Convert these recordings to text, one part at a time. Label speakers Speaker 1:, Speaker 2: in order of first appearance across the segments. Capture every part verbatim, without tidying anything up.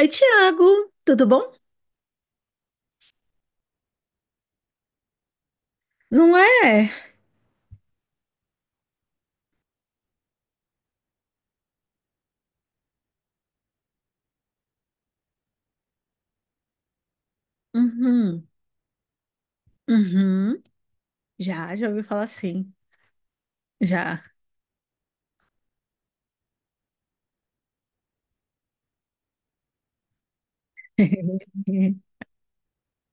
Speaker 1: Oi, Tiago, tudo bom? Não é? Uhum, uhum. Já, já ouvi falar sim. Já.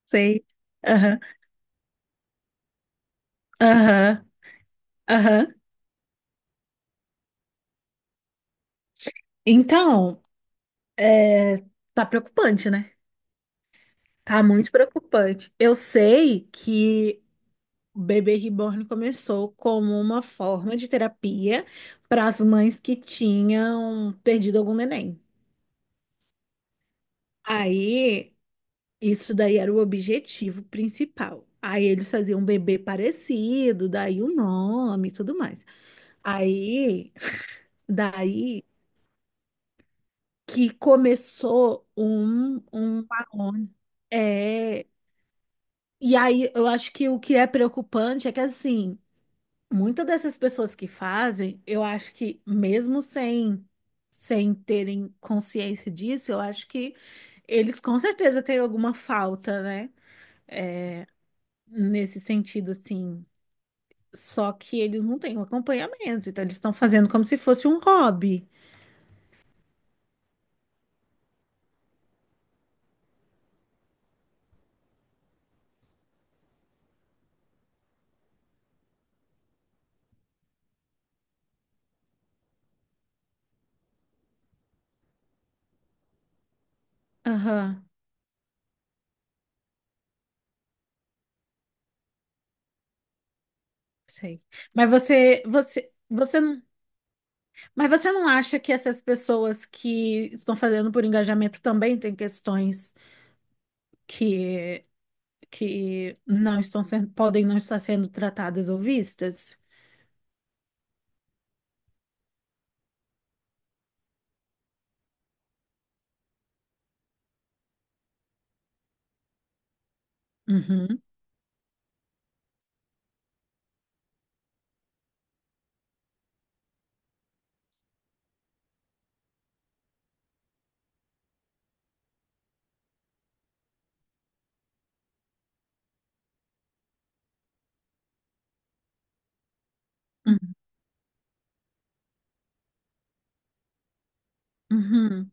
Speaker 1: Sei. Aham, aham, aham. Então, é, tá preocupante, né? Tá muito preocupante. Eu sei que o Bebê Reborn começou como uma forma de terapia para as mães que tinham perdido algum neném. Aí isso daí era o objetivo principal. Aí eles faziam um bebê parecido, daí o nome e tudo mais. Aí, daí que começou um, um marrone. É, e aí eu acho que o que é preocupante é que assim, muitas dessas pessoas que fazem, eu acho que mesmo sem sem terem consciência disso, eu acho que eles com certeza têm alguma falta, né? Nesse sentido, assim. Só que eles não têm um acompanhamento, então eles estão fazendo como se fosse um hobby. Aham, sei. Mas você, você, você, não- mas você não acha que essas pessoas que estão fazendo por engajamento também têm questões que, que não estão sendo, podem não estar sendo tratadas ou vistas? Uhum, uhum, uhum,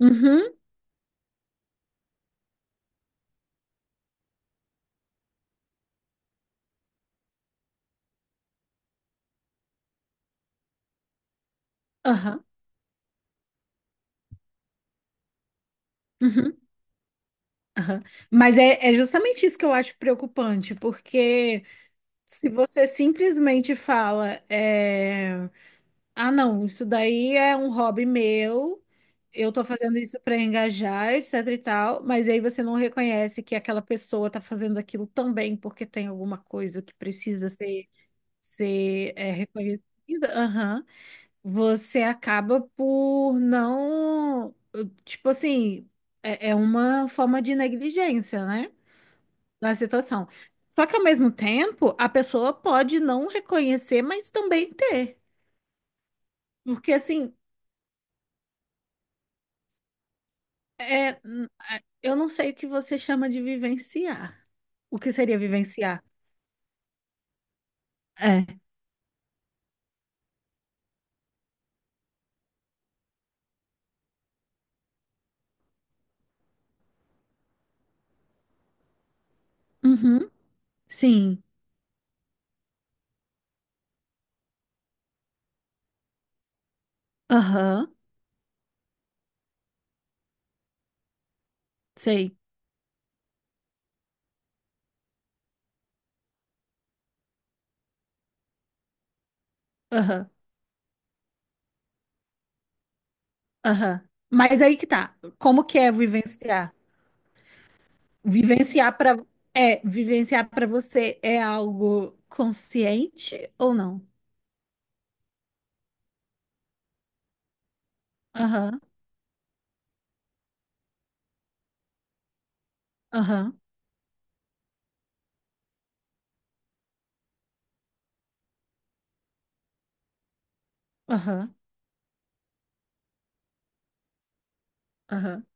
Speaker 1: uhum, aham, uhum, aham. Mas é, é justamente isso que eu acho preocupante, porque se você simplesmente fala, é, ah, não, isso daí é um hobby meu, eu tô fazendo isso para engajar, etc e tal, mas aí você não reconhece que aquela pessoa tá fazendo aquilo também porque tem alguma coisa que precisa ser, ser é, reconhecida, aham. Você acaba por não, tipo assim, é é uma forma de negligência, né? Na situação. Só que ao mesmo tempo, a pessoa pode não reconhecer, mas também ter. Porque assim, é, n- é, eu não sei o que você chama de vivenciar. O que seria vivenciar? É. Uhum. Sim. Aham. Sei. Aham. Aham. Mas aí que tá. Como que é vivenciar? Vivenciar para É, vivenciar para você é algo consciente ou não? Aham. Aham. Aham. Aham.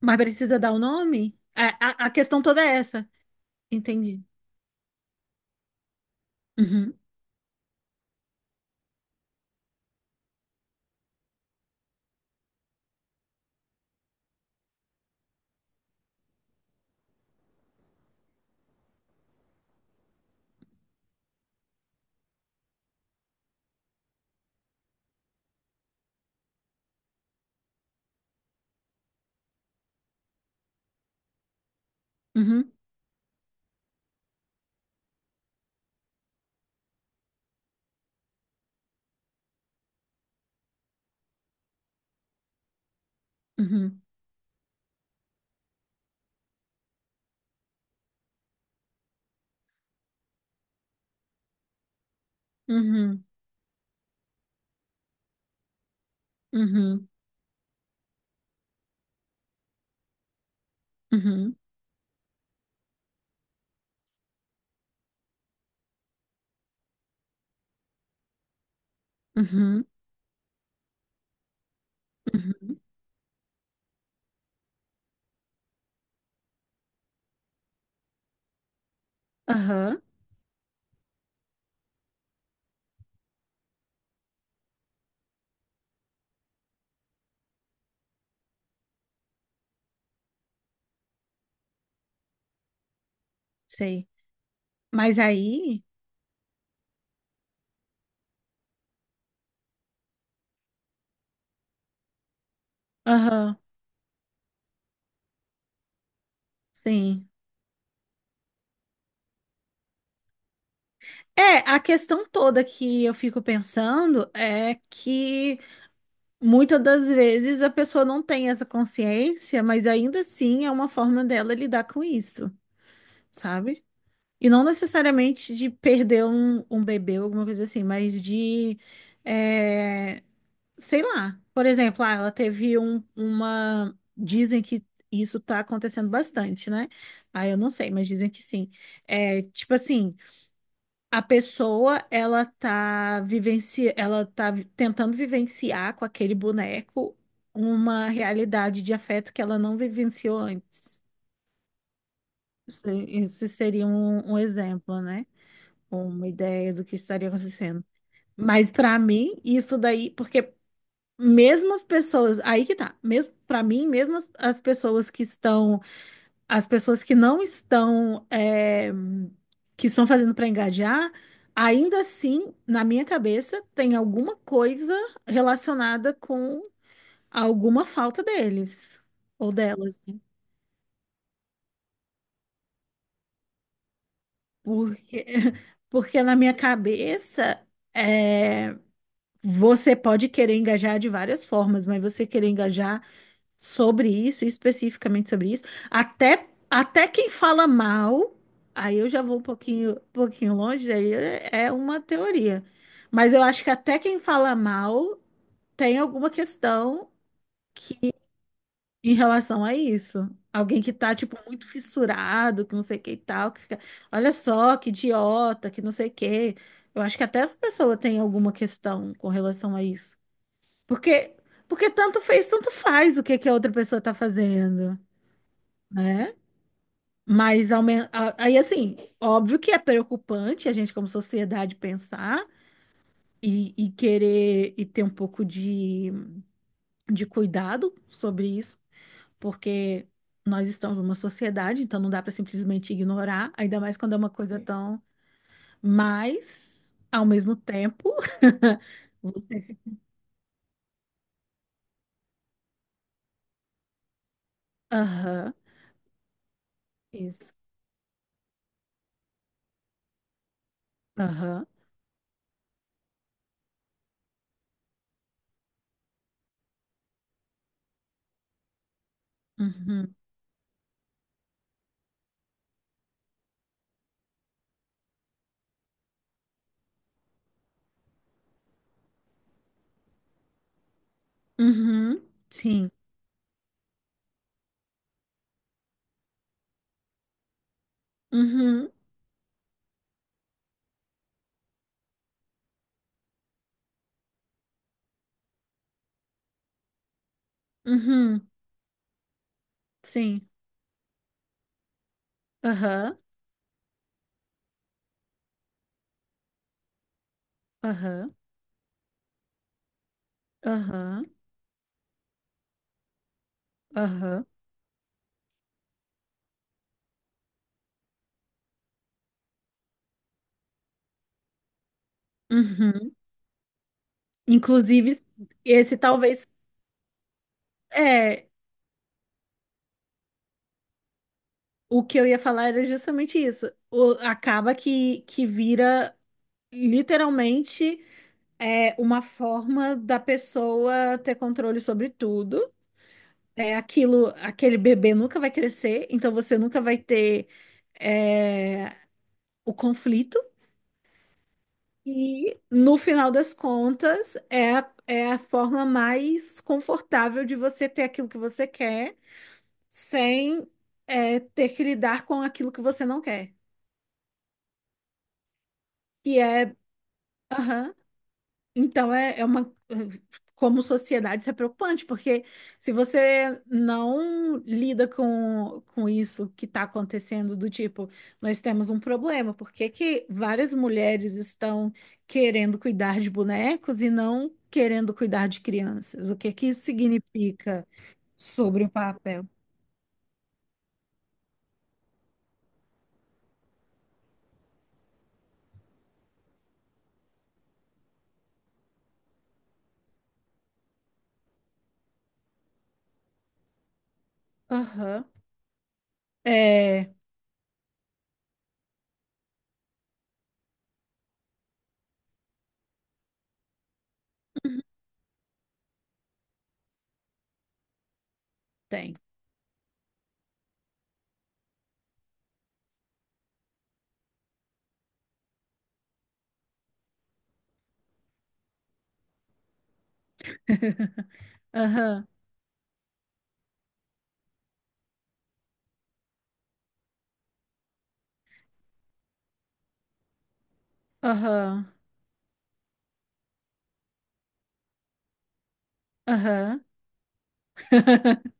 Speaker 1: Mas precisa dar o nome? A, a, a questão toda é essa. Entendi. Uhum, uhum, uhum, uhum, uhum, uhum, uhum, uhum. Aham, sei. Mas aí, aham, sim. É, a questão toda que eu fico pensando é que muitas das vezes a pessoa não tem essa consciência, mas ainda assim é uma forma dela lidar com isso, sabe? E não necessariamente de perder um, um bebê ou alguma coisa assim, mas de, é, sei lá. Por exemplo, ah, ela teve um, uma. Dizem que isso tá acontecendo bastante, né? Ah, eu não sei, mas dizem que sim. É, tipo assim, a pessoa, ela tá vivenci... ela tá vi- tentando vivenciar com aquele boneco uma realidade de afeto que ela não vivenciou antes. Isso isso seria um um exemplo, né? Uma ideia do que estaria acontecendo. Mas pra mim, isso daí, porque mesmo as pessoas, aí que tá, mesmo para mim, mesmo as, as pessoas que estão, as pessoas que não estão, é, que estão fazendo pra engajar, ainda assim, na minha cabeça, tem alguma coisa relacionada com alguma falta deles ou delas, né? Porque, porque na minha cabeça, é, você pode querer engajar de várias formas, mas você querer engajar sobre isso, especificamente sobre isso, até, até quem fala mal, aí eu já vou um pouquinho, um pouquinho longe, aí é é uma teoria. Mas eu acho que até quem fala mal tem alguma questão em relação a isso. Alguém que tá, tipo, muito fissurado, que não sei o que e tal, que fica, olha só, que idiota, que não sei o que. Eu acho que até essa pessoa tem alguma questão com relação a isso. Porque, porque tanto fez, tanto faz o que que a outra pessoa está fazendo, né? Mas ao men- a- aí, assim, óbvio que é preocupante a gente, como sociedade, pensar e, e querer e ter um pouco de, de cuidado sobre isso, porque nós estamos numa sociedade, então não dá para simplesmente ignorar, ainda mais quando é uma coisa. Sim. Tão. Mas, ao mesmo tempo, você. Aham, isso. Aham. Uhum. Uhum. Sim. Uhum, uhum, sim. Aham, aham, aham, aham, uhum. Inclusive, esse talvez é o que eu ia falar era justamente isso. O- acaba que, que vira literalmente é uma forma da pessoa ter controle sobre tudo. É aquilo, aquele bebê nunca vai crescer, então você nunca vai ter é, o conflito. E no final das contas, é a, é a forma mais confortável de você ter aquilo que você quer, sem é, ter que lidar com aquilo que você não quer. Que é, aham. Então, é, é uma. eh, como sociedade, isso é preocupante, porque se você não lida com, com isso que está acontecendo, do tipo, nós temos um problema, por que que várias mulheres estão querendo cuidar de bonecos e não querendo cuidar de crianças? O que que isso significa sobre o papel? Aham. É, tem. Aham, aham, aham.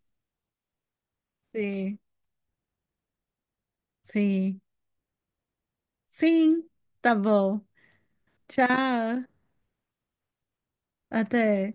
Speaker 1: Sim, sim, sim, tá bom. Tchau, até.